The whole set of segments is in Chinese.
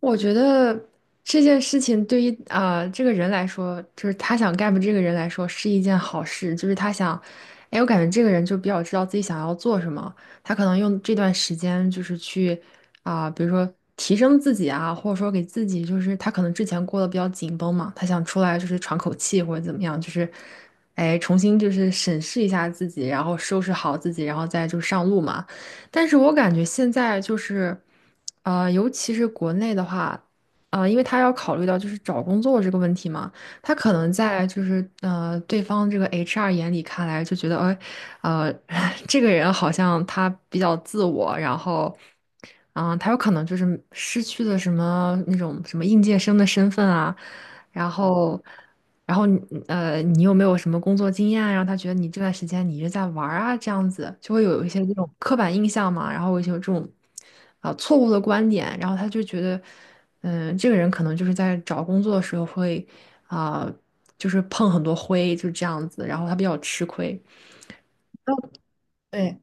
我觉得这件事情对于这个人来说，就是他想 gap 这个人来说是一件好事，就是他想，哎，我感觉这个人就比较知道自己想要做什么，他可能用这段时间就是去比如说提升自己啊，或者说给自己就是他可能之前过得比较紧绷嘛，他想出来就是喘口气或者怎么样，就是哎重新就是审视一下自己，然后收拾好自己，然后再就上路嘛。但是我感觉现在就是，尤其是国内的话，因为他要考虑到就是找工作这个问题嘛，他可能在就是对方这个 HR 眼里看来就觉得，哎，呃，这个人好像他比较自我，然后，他有可能就是失去了什么那种什么应届生的身份啊，然后，然后你有没有什么工作经验啊？让他觉得你这段时间你一直在玩儿啊，这样子就会有一些这种刻板印象嘛，然后有一些这种错误的观点，然后他就觉得。嗯，这个人可能就是在找工作的时候会啊、就是碰很多灰，就是这样子，然后他比较吃亏。哦，对，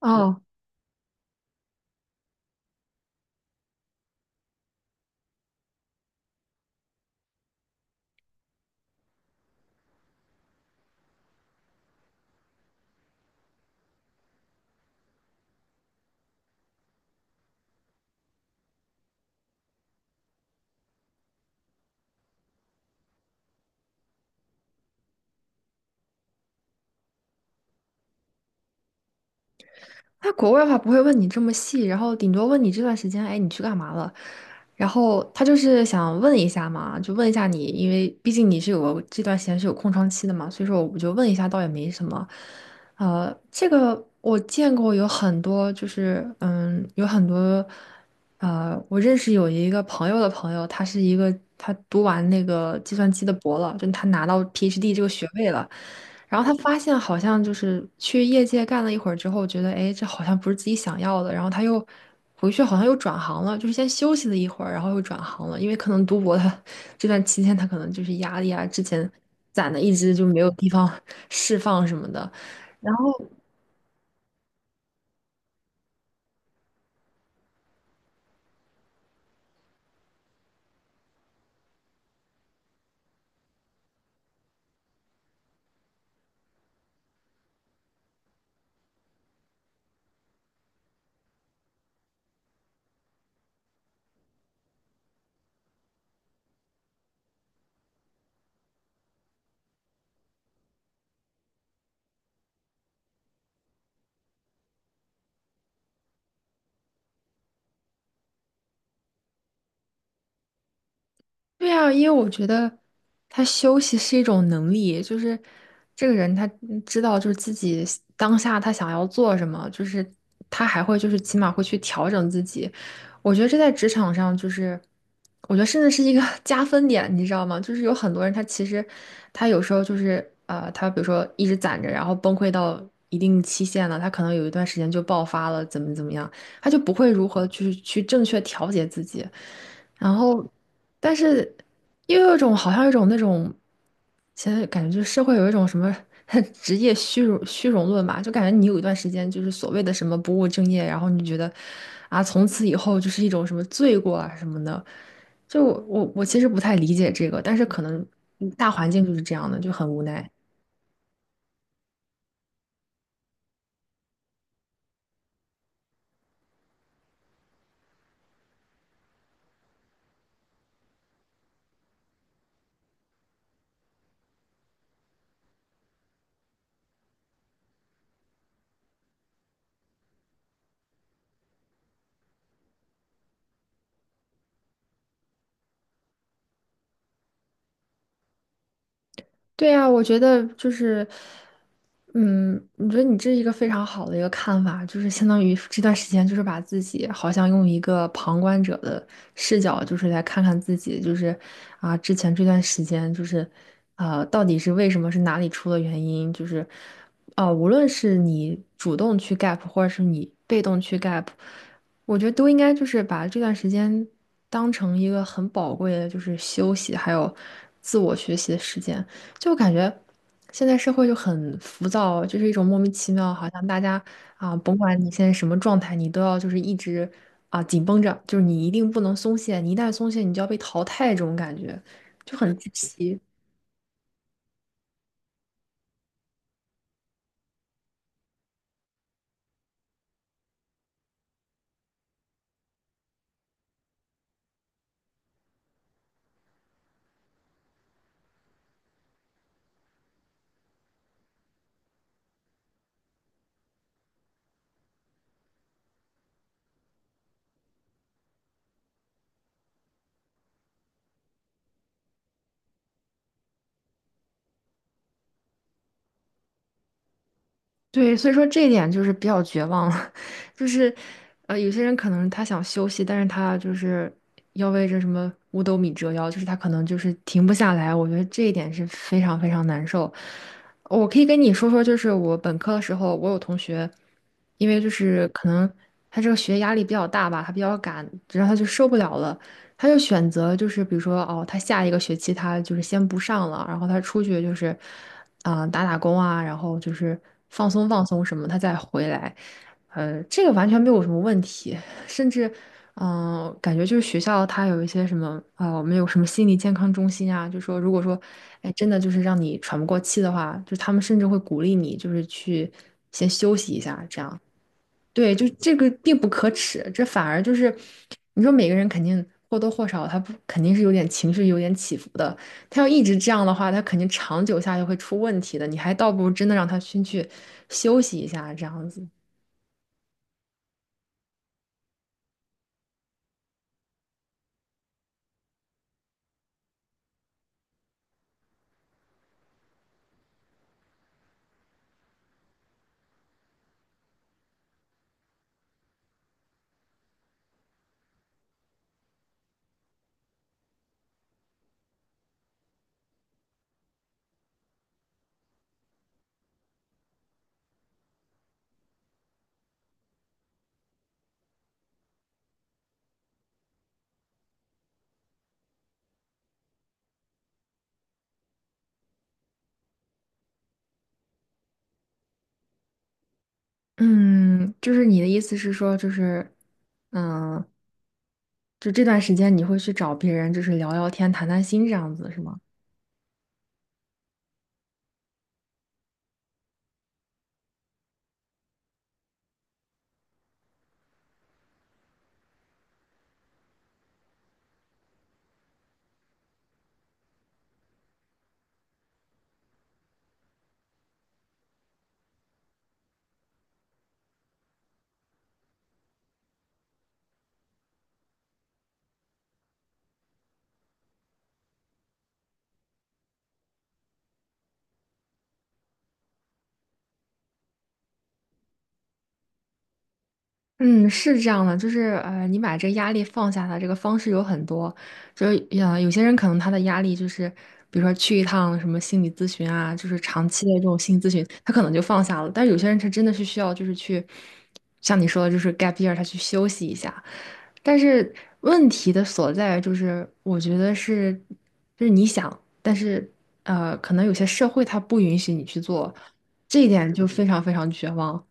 哦，在国外的话不会问你这么细，然后顶多问你这段时间，哎，你去干嘛了？然后他就是想问一下嘛，就问一下你，因为毕竟你是有个这段时间是有空窗期的嘛，所以说我就问一下，倒也没什么。这个我见过有很多，就是有很多，我认识有一个朋友的朋友，他是一个他读完那个计算机的博了，就他拿到 PhD 这个学位了。然后他发现好像就是去业界干了一会儿之后，觉得哎，这好像不是自己想要的，然后他又回去好像又转行了，就是先休息了一会儿，然后又转行了，因为可能读博他这段期间他可能就是压力啊，之前攒的一直就没有地方释放什么的，然后。对啊，因为我觉得他休息是一种能力，就是这个人他知道就是自己当下他想要做什么，就是他还会就是起码会去调整自己。我觉得这在职场上就是，我觉得甚至是一个 加分点，你知道吗？就是有很多人他其实他有时候就是他比如说一直攒着，然后崩溃到一定期限了，他可能有一段时间就爆发了，怎么怎么样。他就不会如何去正确调节自己。然后，但是又有一种好像有一种那种，现在感觉就是社会有一种什么 职业虚荣论吧，就感觉你有一段时间就是所谓的什么不务正业，然后你觉得啊，从此以后就是一种什么罪过啊什么的。就我其实不太理解这个，但是可能大环境就是这样的，就很无奈。对呀，我觉得就是，嗯，我觉得你这是一个非常好的一个看法，就是相当于这段时间，就是把自己好像用一个旁观者的视角，就是来看看自己，就是啊，之前这段时间就是，到底是为什么，是哪里出了原因，就是，啊，无论是你主动去 gap，或者是你被动去 gap，我觉得都应该就是把这段时间当成一个很宝贵的，就是休息还有自我学习的时间。就感觉现在社会就很浮躁，就是一种莫名其妙，好像大家啊，甭管你现在什么状态，你都要就是一直啊紧绷着，就是你一定不能松懈，你一旦松懈，你就要被淘汰，这种感觉就很窒息。对，所以说这一点就是比较绝望了，就是有些人可能他想休息，但是他就是要为这什么五斗米折腰，就是他可能就是停不下来。我觉得这一点是非常非常难受。我可以跟你说说，就是我本科的时候，我有同学，因为就是可能他这个学业压力比较大吧，他比较赶，然后他就受不了了，他就选择就是比如说哦，他下一个学期他就是先不上了，然后他出去就是打打工啊，然后就是放松放松什么，他再回来。这个完全没有什么问题，甚至感觉就是学校它有一些什么我们有什么心理健康中心啊，就说如果说哎真的就是让你喘不过气的话，就他们甚至会鼓励你就是去先休息一下这样。对，就这个并不可耻，这反而就是，你说每个人肯定或多或少，他不肯定是有点情绪有点起伏的。他要一直这样的话，他肯定长久下去会出问题的。你还倒不如真的让他先去休息一下，这样子。嗯，就是你的意思是说，就是，嗯，就这段时间你会去找别人，就是聊聊天、谈谈心这样子，是吗？嗯，是这样的，就是你把这个压力放下的这个方式有很多，就是有些人可能他的压力就是，比如说去一趟什么心理咨询啊，就是长期的这种心理咨询，他可能就放下了。但是有些人他真的是需要就是去，像你说的，就是 gap year，他去休息一下。但是问题的所在就是，我觉得是，就是你想，但是可能有些社会它不允许你去做，这一点就非常非常绝望。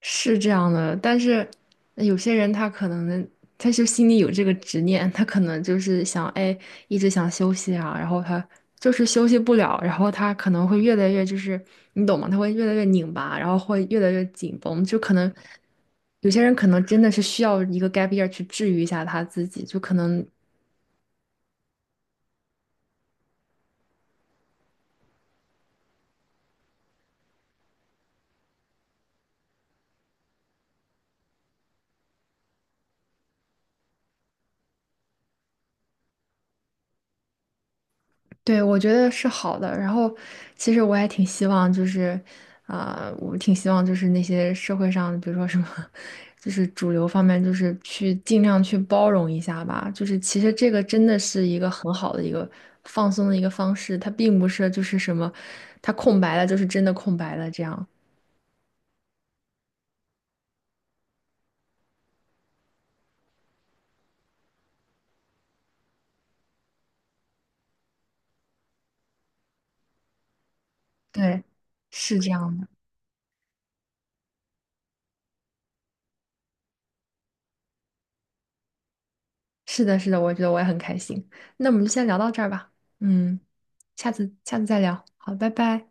是这样的，但是有些人他可能他就心里有这个执念，他可能就是想，哎，一直想休息啊，然后他就是休息不了，然后他可能会越来越就是你懂吗？他会越来越拧巴，然后会越来越紧绷，就可能有些人可能真的是需要一个 gap year 去治愈一下他自己，就可能对，我觉得是好的。然后，其实我也挺希望，就是，我挺希望就是那些社会上，比如说什么，就是主流方面，就是去尽量去包容一下吧。就是其实这个真的是一个很好的一个放松的一个方式，它并不是就是什么，它空白了就是真的空白了这样。对，是这样的。是的，是的，我觉得我也很开心。那我们就先聊到这儿吧。嗯，下次下次再聊。好，拜拜。